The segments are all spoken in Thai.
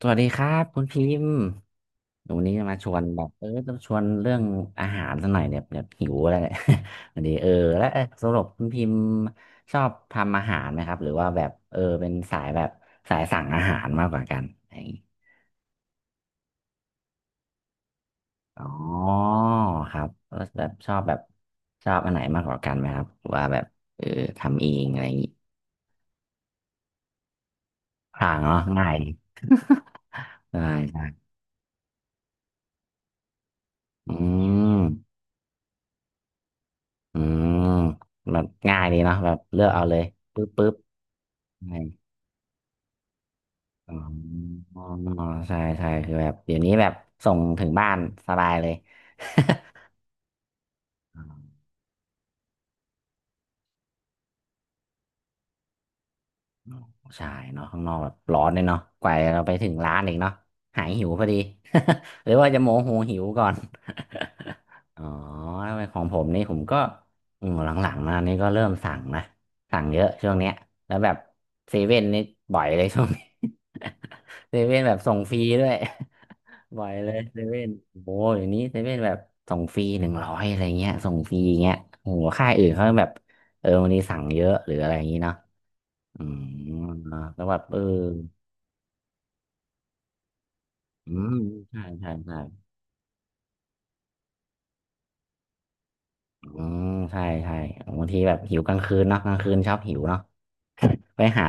สวัสดีครับคุณพิมพ์วันนี้มาชวนแบบต้องชวนเรื่องอาหารสักหน่อยเนี่ยแบบหิวแล้วเนี่ย วันนี้แล้วสรุปคุณพิมพ์ชอบทำอาหารไหมครับหรือว่าแบบเป็นสายแบบสายสั่งอาหารมากกว่ากันอะไรอย่างงี้อ๋อครับแล้วแบบชอบแบบชอบอันไหนมากกว่ากันไหมครับหรือว่าแบบเออทำเองอะไรอย่างงี้พลางเนาะง่ายง่ายใช่อืมอืมแบบง่ายดีเนาะแบบเลือกเอาเลยปึ๊บปึ๊บ ใช่อ๋อใช่ ใช่คือแบบเดี๋ยวนี้แบบ ส่งถึงบ้าน สบายเลย อ๋อใช่เนาะข้างนอกแบบร้อนเลยเนาะกว่าเราไปถึงร้านอีกเนาะหายหิวพอดี หรือว่าจะโมโหหิวก่อน อ๋อของผมนี่ผมก็อืมหลังๆมานี่ก็เริ่มสั่งนะ สั่งเยอะช่วงเนี้ยแล้วแบบเซเว่นนี่บ่อยเลยช่วงนี้ เซเว่นแบบส่งฟรีด้วย ไหวเลยเซเว่นโอ้อย่างนี้เซเว่นแบบส่งฟรีหนึ่งร้อยอะไรเงี้ยส่งฟรีอย่างเงี้ยโอ้โหค่ายอื่นเขาแบบวันนี้สั่งเยอะหรืออะไรอย่างงี้เนาะอืมแล้วแบบอืมใช่ใช่ใช่อืมใช่ใช่บางทีแบบหิวกลางคืนเนาะกลางคืนชอบหิวเนาะ ไปหา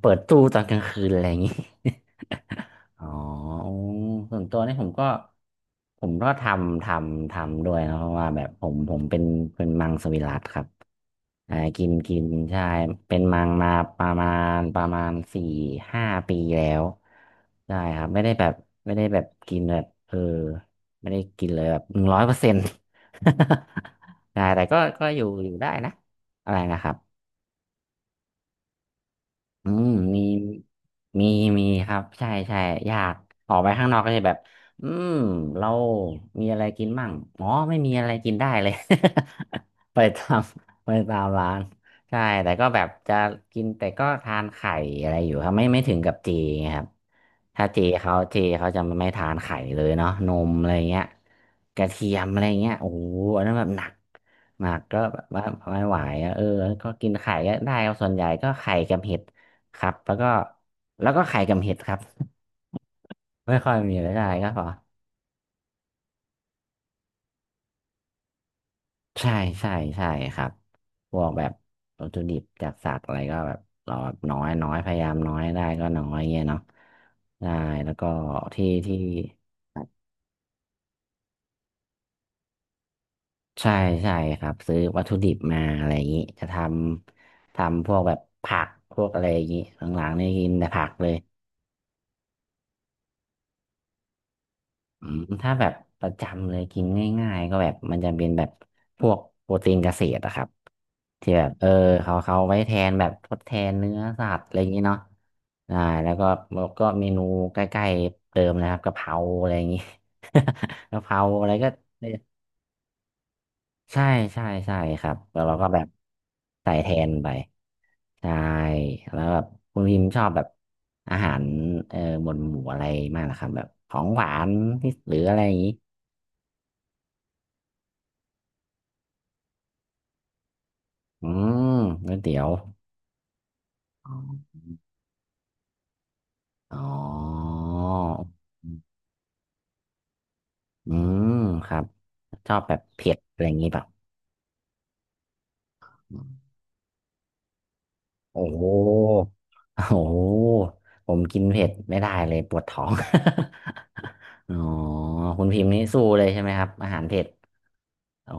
เปิดตู้ตอนกลางคืนอะไรอย่างงี้ อ๋อโอส่วนตัวนี่ผมก็ทำด้วยนะเพราะว่าแบบผมเป็นมังสวิรัติครับอ่ากินกินใช่เป็นมังมาประมาประมาณ4-5 ปีแล้วใช่ครับไม่ได้แบบกินแบบไม่ได้กินเลยแบบ100% ใช่แต่ก็อยู่อยู่ได้นะอะไรนะครับ อืมมีมีมีครับใช่ใช่อยากออกไปข้างนอกก็จะแบบอืมเรามีอะไรกินมั่งอ๋อไม่มีอะไรกินได้เลย ไปตาม ไปตามร้านใช่แต่ก็แบบจะกินแต่ก็ทานไข่อะไรอยู่ครับไม่ถึงกับเจไงครับถ้าเจเขาเจเขาจะไม่ทานไข่เลยเนาะนมอะไรเงี้ยกระเทียมอะไรเงี้ยโอ้โหอันนั้นแบบหนักหนักก็แบบว่าไม่ไหวอะก็กินไข่ก็ได้ครับส่วนใหญ่ก็ไข่กับเห็ด ครับแล้วก็แล้วก็ไข่กับเห็ดครับ ไม่ค่อยมีอะไรายได้ก็พอใช่ใช่ใช่ครับพวกแบบวัตถุดิบจากสัตว์อะไรก็แบบเราแบบน้อยน้อยพยายามน้อยได้ก็น้อยเงี้ยเนาะได้แล้วก็ที่ที่ใช่ใช่ครับซื้อวัตถุดิบมาอะไรอย่างนี้จะทำพวกแบบผักพวกอะไรอย่างนี้หลังๆนี่กินแต่ผักเลย อืมถ้าแบบประจำเลยกินง่ายๆก็แบบมันจะเป็นแบบพวกโปรตีนเกษตรอะครับที่แบบเขาไว้แทนแบบทดแทนเนื้อสัตว์อะไรอย่างนี้เนาะอ่าแล้วก็เมนูใกล้ๆเดิมนะครับกะเพราอะไรอย่างนี้ กะเพราอะไรก็ใช่ใช่ใช่ครับแล้วเราก็แบบใส่แทนไปใช่แล้วแบบคุณพิมชอบแบบอาหารเออบนหมู่อะไรมากนะครับแบบของหวานที่หรืออะไรอย่างนี้ อืมก๋วยเตี๋ยวอ๋ออ๋ออืมครับ ชอบแบบเผ็ดอะไรอย่างงี้เปล่ะอืมโอ้โหโอ้โห ผมกินเผ็ดไม่ได้เลยปวดท้อง อ๋อคุณพิมพ์นี่สู้เลยใช่ไหมครับ อาหารเผ็ดโอ้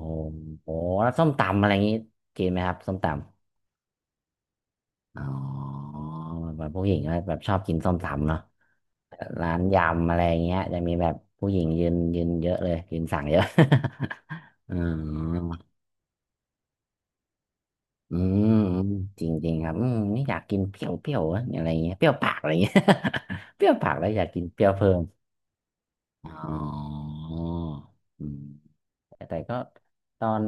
โหแล้วส้มตำอะไรอย่างงี้กินไหมครับส้มต อ๋อแบบผู้หญิงก็แบบชอบกินส้มตำเนาะร้านยำอะไรอย่างเงี้ยจะมีแบบผู้หญิงยืนยืนเยอะเลยยืนสั่งเยอะ อออืมอืมจริงจริงครับอืมนี่อยากกินเปรี้ยวเปรี้ยวอะอะไรเงี้ยเปรี้ยวปากอะไรเงี้ย เปรี้ยวปากแล้วอยากกินเปรี้ยวเพิ่มอ๋ออืม แต่ก็ตอน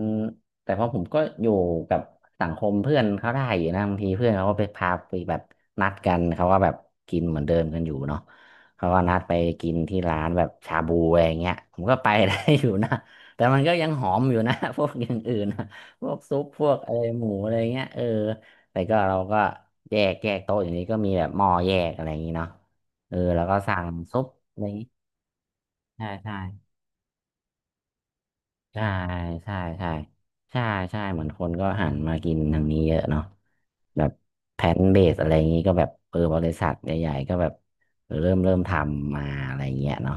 แต่พอผมก็อยู่กับสังคมเพื่อนเขาได้อยู่นะบางทีเพื่อนเขาก็ไปพาไปแบบนัดกันเขาก็แบบกินเหมือนเดิมกันอยู่เนาะเขาก็นัดไปกินที่ร้านแบบชาบูอะไรอย่างเงี้ยผมก็ไปได้ อยู่นะแต่มันก็ยังหอมอยู่นะ พวกอย่างอื่นนะพวกซุปพวกอะไรหมูอะไรเงี้ยแต่ก็เราก็แยกแยกโต๊ะอย่างนี้ก็มีแบบหม้อแยกอะไรอย่างนี้เนาะแล้วก็สั่งซุปอะไรอย่างนี้ใช่ใช่ ใช่ใช่ใช่ใช่ใช่เหมือนคนก็หันมากินทางนี้เยอะเนาะแบบแพลนเบสอะไรอย่างนี้ก็แบบบริษัทใหญ่ๆก็แบบเริ่มทำมาอะไรอย่างเงี้ยเนาะ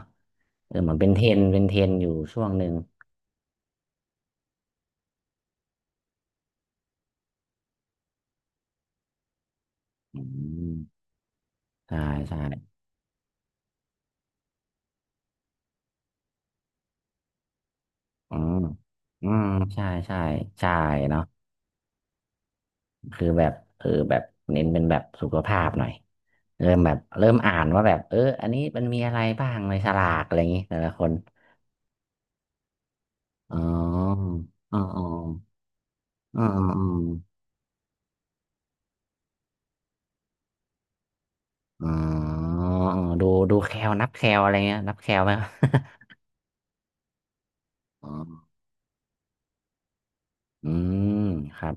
เออเหมือนเป็นเทรนด์อยู่ช่วงหนึ่งอืมใช่ใช่อืมอืมใช่ใช่ใช่เนาะคือแบบแบบเน้นเป็นแบบสุขภาพหน่อยเริ่มอ่านว่าแบบอันนี้มันมีอะไรบ้างในฉลากอะไรอย่างนี้แต่ละคน อ๋ออ๋ออ๋ออ๋ออ๋ออ๋ออ๋อดูแคลนับแคลอะไรเงี้ยนับแคลไหม ครับ อ๋ออืมครับ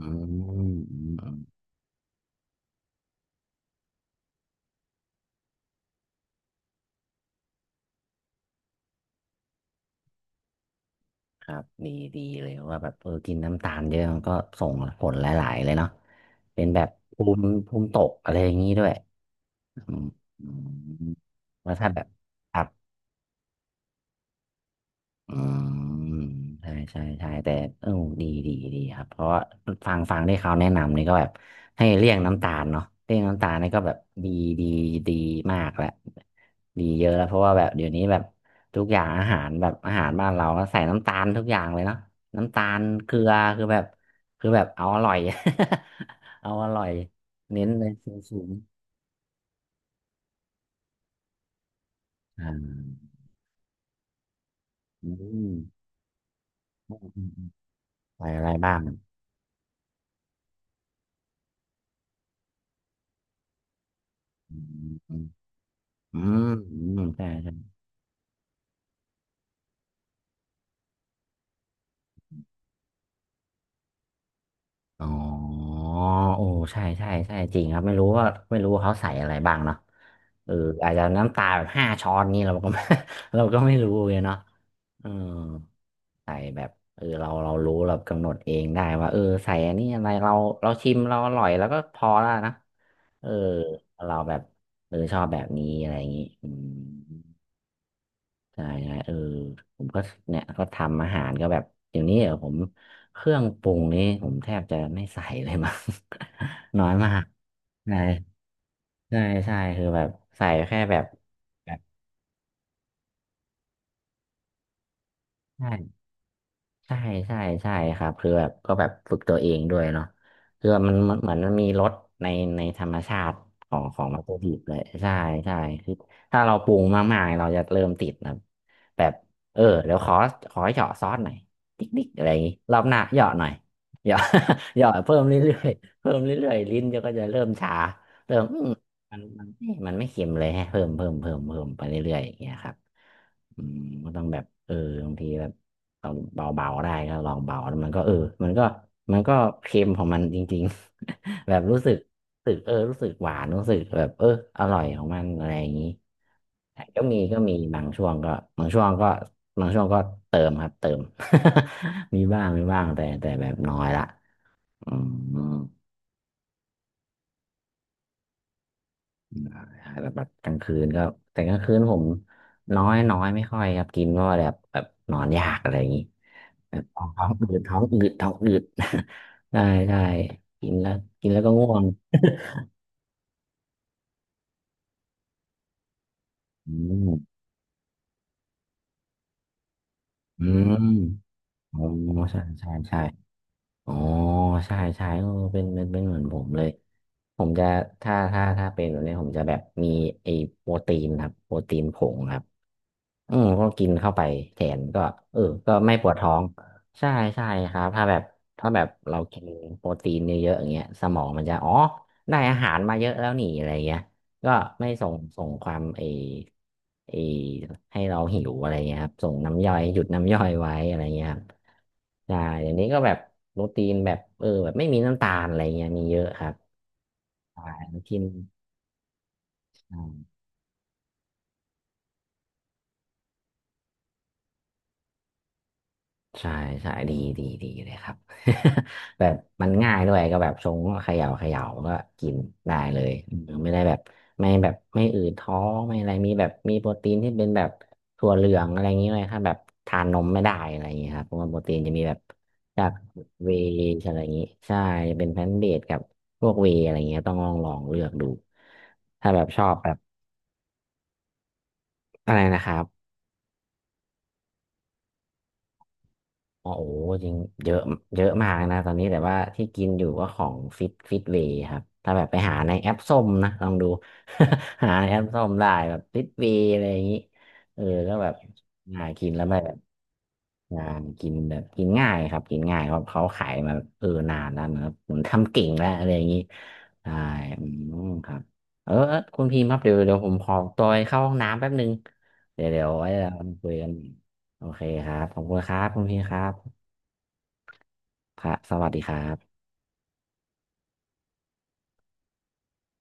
อืมอืมอืมครับดีดีเลยว่าแบบเออกินน้ำตาลเยอะมันก็ส่งผลหลายๆเลยเนาะเป็นแบบภูมิตกอะไรอย่างนี้ด้วยอืมอืมแล้วถ้าแบบครับ อืมใช่ใช่ใช่แต่เออดีครับเพราะว่าฟังที่เขาแนะนำนี่ก็แบบให้เลี่ยงน้ำตาลเนาะเลี่ยงน้ำตาลนี่ก็แบบดีดีดีมากแล้วดีเยอะแล้วเพราะว่าแบบเดี๋ยวนี้แบบทุกอย่างอาหารแบบอาหารบ้านเราก็ใส่น้ำตาลทุกอย่างเลยเนาะน้ำตาลเกลือคือแบบคือแบบเอาอร่อย เอาอร่อยเน้นเลยสูงอ่าอืมใส่อะไรบ้างอืมอืมอืมใช่ อ๋อโอ้ใช่ใช่ใช่จริงครับไม่รู้ว่าเขาใส่อะไรบ้างเนาะเอออาจจะน้ำตาแบบห้าช้อนนี่เราก็ไม่ เราก็ไม่รู้เลยเนาะเออใส่แบบเรารู้เรากำหนดเองได้ว่าเออใส่อันนี้อะไรเราชิมเราอร่อยแล้วก็พอแล้วนะเออเราแบบเออชอบแบบนี้อะไรอย่างนี้อืม ใช่ใช่เออผมก็เนี่ยก็ทำอาหารก็แบบเดี๋ยวนี้ผมเครื่องปรุงนี้ผมแทบจะไม่ใส่เลยมั้ง น้อยมากใช่ใช่ใช่คือแบบใส่แค่แบบแบบใช่ ใช่ใช่ใช่ครับคือแบบก็แบบฝึกตัวเองด้วยเนาะคือมันเหมือนมันมีรสในธรรมชาติของวัตถุดิบเลยใช่ใช่คือถ้าเราปรุงมากๆเราจะเริ่มติดนะแบบเออเดี๋ยวขอเหยาะซอสหน่อยติ๊กอะไรอย่างงี้รอบหน้าเหยาะหน่อยเหยาะ เหยาะเพิ่มเรื่อยๆเพิ่มเรื่อยๆลิ้นจะก็จะเริ่มชาเริ่มอืมมันเอ๊ะมันไม่เค็มเลยฮะเพิ่มเพิ่มไปเรื่อยๆอย่างเงี้ยครับอืมก็ต้องแบบเออบางทีแบบ เอาเบาๆได้ก็ลองเบาแล้วมันก็เออมันก็มันก็เค็มของมันจริงๆ แบบรู้สึกรู้สึกเออรู้สึกหวานรู้สึกแบบเอออร่อยของมันอะไรอย่างนี้แต่ก็มีบางช่วงก็บางช่วงก็เติมครับเติม มีบ้างมีบ้างแต่แบบน้อยละอืม แบบกลางคืนก็แต่กลางคืนผมน้อยน้อยไม่ค่อยครับกินเพราะว่าแบบนอนยากอะไรอย่างนี้แบบท้องอืดท้องอืด ได้ได้กินแล้วกินแล้วก็ง่วง อืมอืมอ๋อใช่ใช่ใช่อ๋อใช่ใช่เออเป็นเหมือนผมเลยผมจะถ้าเป็นแบบนี้ผมจะแบบมีไอ้โปรตีนครับโปรตีนผงครับ อืมก็กินเข้าไปแทนก็เออก็ไม่ปวดท้องใช่ใช่ครับถ้าแบบเรากินโปรตีนเยอะๆอย่างเงี้ยสมองมันจะอ๋อได้อาหารมาเยอะแล้วนี่อะไรเงี้ยก็ไม่ส่งความไอไอให้เราหิวอะไรเงี้ยครับส่งน้ำย่อยหยุดน้ำย่อยไว้อะไรเงี้ยครับใช่เดี๋ยวนี้ก็แบบโปรตีนแบบเออแบบไม่มีน้ำตาลอะไรเงี้ยมีเยอะครับใช่กิน ใช่ใช่ดีเลยครับ แบบมันง่ายด้วยก็แบบชงก็เขย่าก็กินได้เลยอืมไม่ได้แบบไม่อืดท้องไม่อะไรมีแบบมีโปรตีนที่เป็นแบบถั่วเหลืองอะไรอย่างนี้เลยถ้าแบบทานนมไม่ได้อะไรอย่างนี้ครับเพราะว่าโปรตีนจะมีแบบจากเวย์อะไรอย่างนี้ใช่จะเป็นแพลนต์เบสกับพวกเวย์อะไรอย่างเงี้ยต้องลองเลือกดูถ้าแบบชอบแบบอะไรนะครับ อ๋อโอ้โหจริงเยอะเยอะมากนะตอนนี้แต่ว่าที่กินอยู่ก็ของฟิตเวย์ครับถ้าแบบไปหาในแอปส้มนะลองดู หาในแอปส้มได้แบบฟิตเวย์อะไรอย่างนี้ เออก็แบบง่ายกินแล้วไม่แบบงานกินแบบกินง่ายครับกินง่ายเพราะเขาขายมาเออนานแล้วนะครับผมทำเก่งแล้วอะไรอย่างนี้ใช่อืมครับเออเออคุณพิมพ์ครับเดี๋ยวผมขอตัวไปเข้าห้องน้ำแป๊บนึงเดี๋ยวไว้เราคุยกันโอเคครับขอบคุณครับคุณพี่ครับ ครับสวัสดีครับ